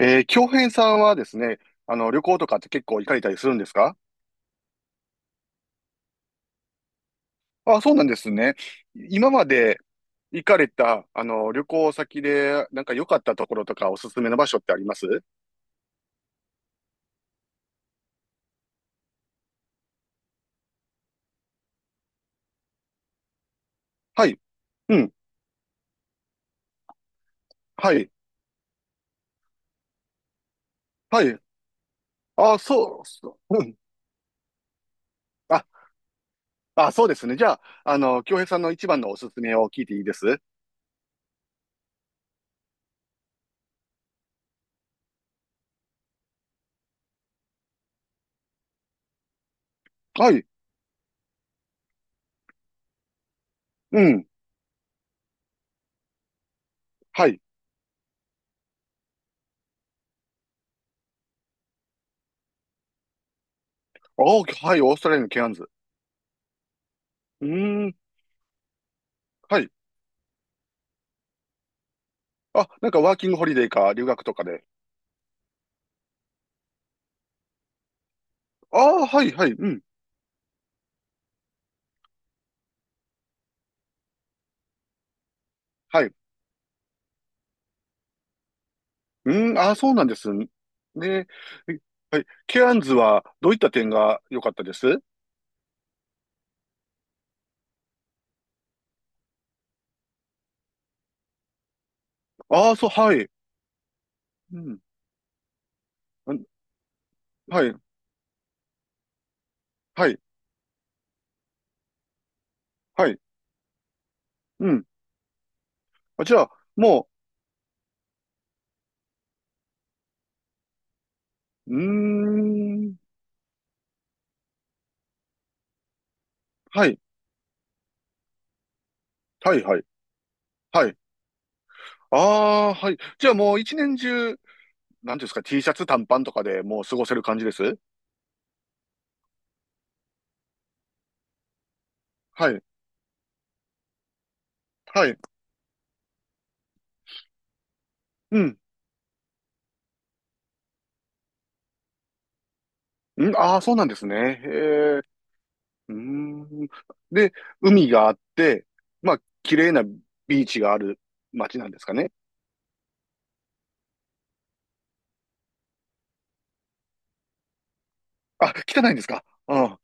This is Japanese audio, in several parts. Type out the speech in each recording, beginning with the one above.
京平さんはですね、旅行とかって結構行かれたりするんですか？あ、そうなんですね。今まで行かれた、旅行先で、なんか良かったところとかおすすめの場所ってありますはい。うん。はい。はい。あ、そう、そう。うん。あ、あ、そうですね。じゃあ、京平さんの一番のおすすめを聞いていいですはい。うん。はい。お、はい。オーストラリアのケアンズ。うーん。はい。あ、なんかワーキングホリデーか留学とかで。ああ、はい、はい。うん。はい。うん、ああ、そうなんですね。えはい。ケアンズはどういった点が良かったですああー、そう、はい。うん。あはい、はい、はい。うん。あ、じゃあ、もう、うーん。はい、はい、はい、はい。ああ、はい。じゃあもう一年中、なんていうんですか、T シャツ短パンとかでもう過ごせる感じですはい、はい。うん。うん、ああ、そうなんですね。へえ。うーん。で、海があって、まあ、綺麗なビーチがある街なんですかね。あ、汚いんですか？あ、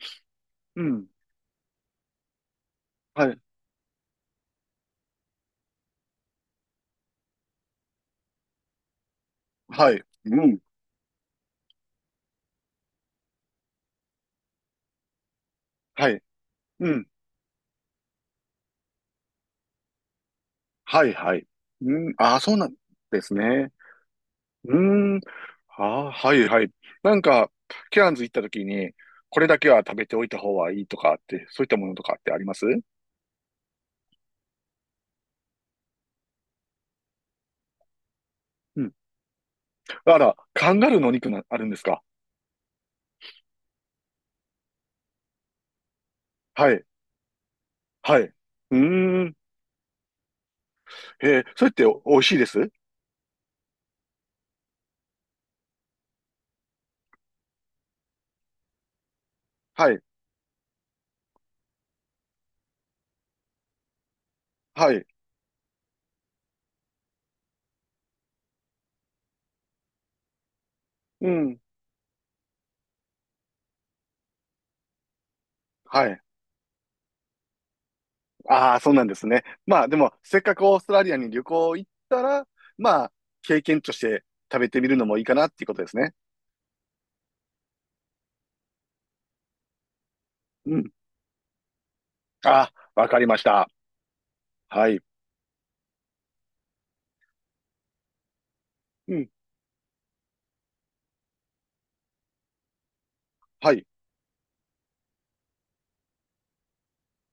うん。はい。はい。うん。はい。うん。はい、はい。うん。あ、そうなんですね。うーん。あ、はい、はい。なんか、ケアンズ行った時に、これだけは食べておいた方がいいとかって、そういったものとかってありますうん。あら、カンガルーのお肉な、あるんですか？はい。はい。うーん。へえ、それってお美味しいですはい。はい。うん。はい。ああ、そうなんですね。まあでも、せっかくオーストラリアに旅行行ったら、まあ、経験として食べてみるのもいいかなっていうことですね。うん。ああ、わかりました。はい。うん。はい。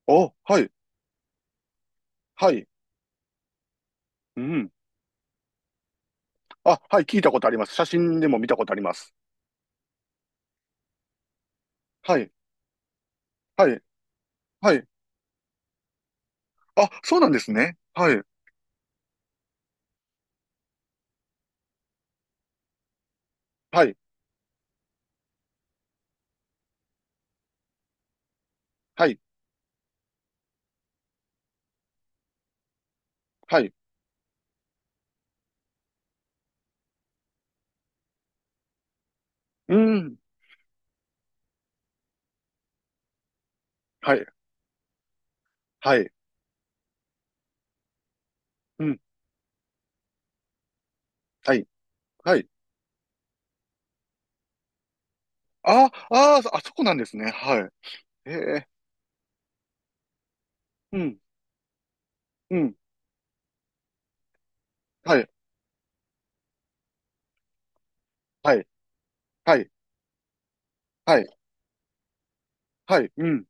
お、はい。はい。うん。あ、はい。聞いたことあります。写真でも見たことあります。はい。はい。はい。あ、そうなんですね。はい。はい。はい。はい。うん。はい。はい。うん。はい。はい。ああ、あそこなんですね。はい。へえ。うん。うん。はい。はい。はい。はい。はい、うん、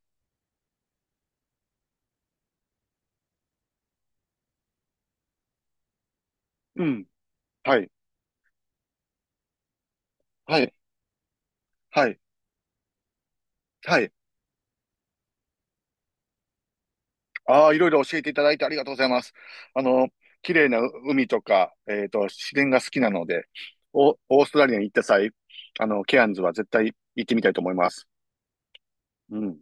うん、はい、はい、はい、はい。ああ、いろいろ教えていただいてありがとうございます。あの、綺麗な海とか、自然が好きなので、オーストラリアに行った際、ケアンズは絶対行ってみたいと思います。うん。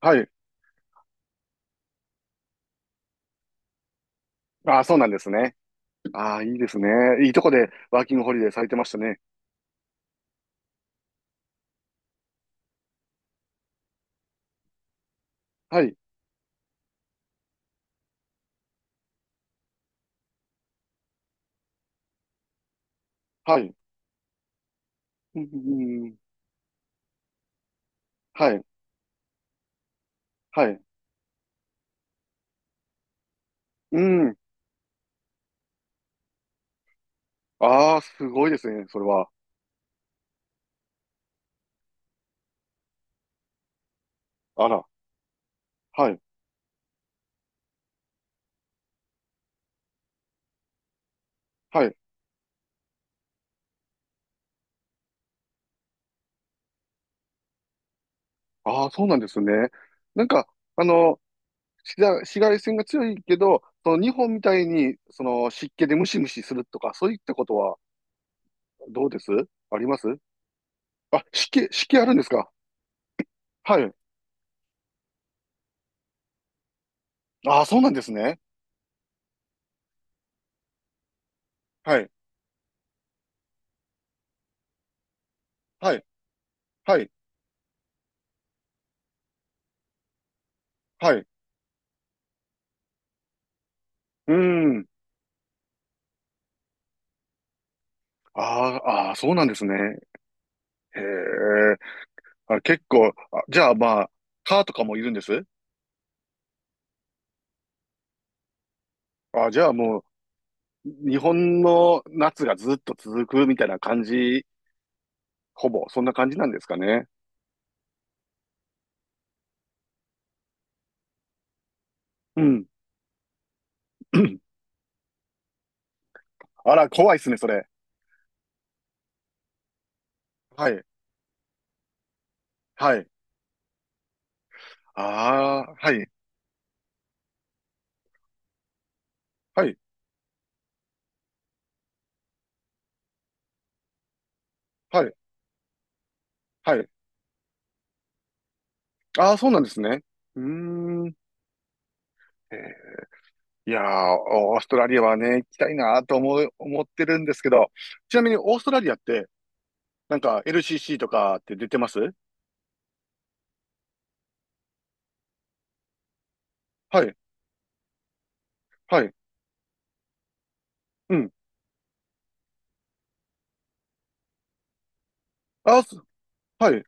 はい。ああ、そうなんですね。ああ、いいですね。いいとこでワーキングホリデーされてましたね。はい、はい。うん、うんうん、はい、はい。うん。ああ、すごいですね、それは。あら、はい、はい。ああ、そうなんですね。なんか、あの、紫外線が強いけど、その日本みたいにその湿気でムシムシするとか、そういったことはどうですあります？あ、湿気あるんですか？はい。ああ、そうなんですね。はい。はい。はい。はい。うーん。ああ、ああ、そうなんですね。へえ。あ、結構、あ、じゃあまあ、蚊とかもいるんですあ、じゃあもう、日本の夏がずっと続くみたいな感じ、ほぼ、そんな感じなんですかね。うん。あら、怖いっすね、それ。はい。はい。ああ、はい、はい、はい、はい。ああ、そうなんですね。うーん。えーいやー、オーストラリアはね、行きたいなと思ってるんですけど、ちなみにオーストラリアって、なんか LCC とかって出てますはい、はい、うん。あー、はい。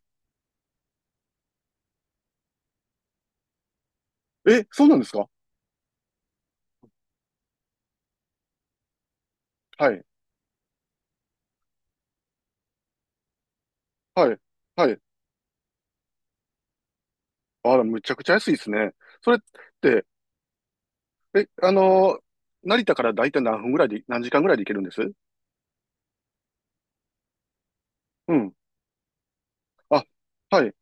え、そうなんですか？はい、はい、はい。あら、むちゃくちゃ安いですね。それって、え、あのー成田から大体何時間ぐらいで行けるんですうん。あ、はい、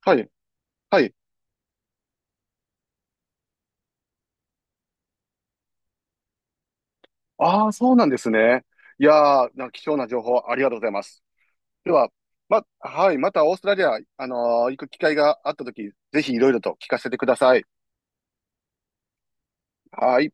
はい、はい。ああ、そうなんですね。いやー、なんか貴重な情報ありがとうございます。では、ま、はい、またオーストラリア、行く機会があったとき、ぜひいろいろと聞かせてください。はい。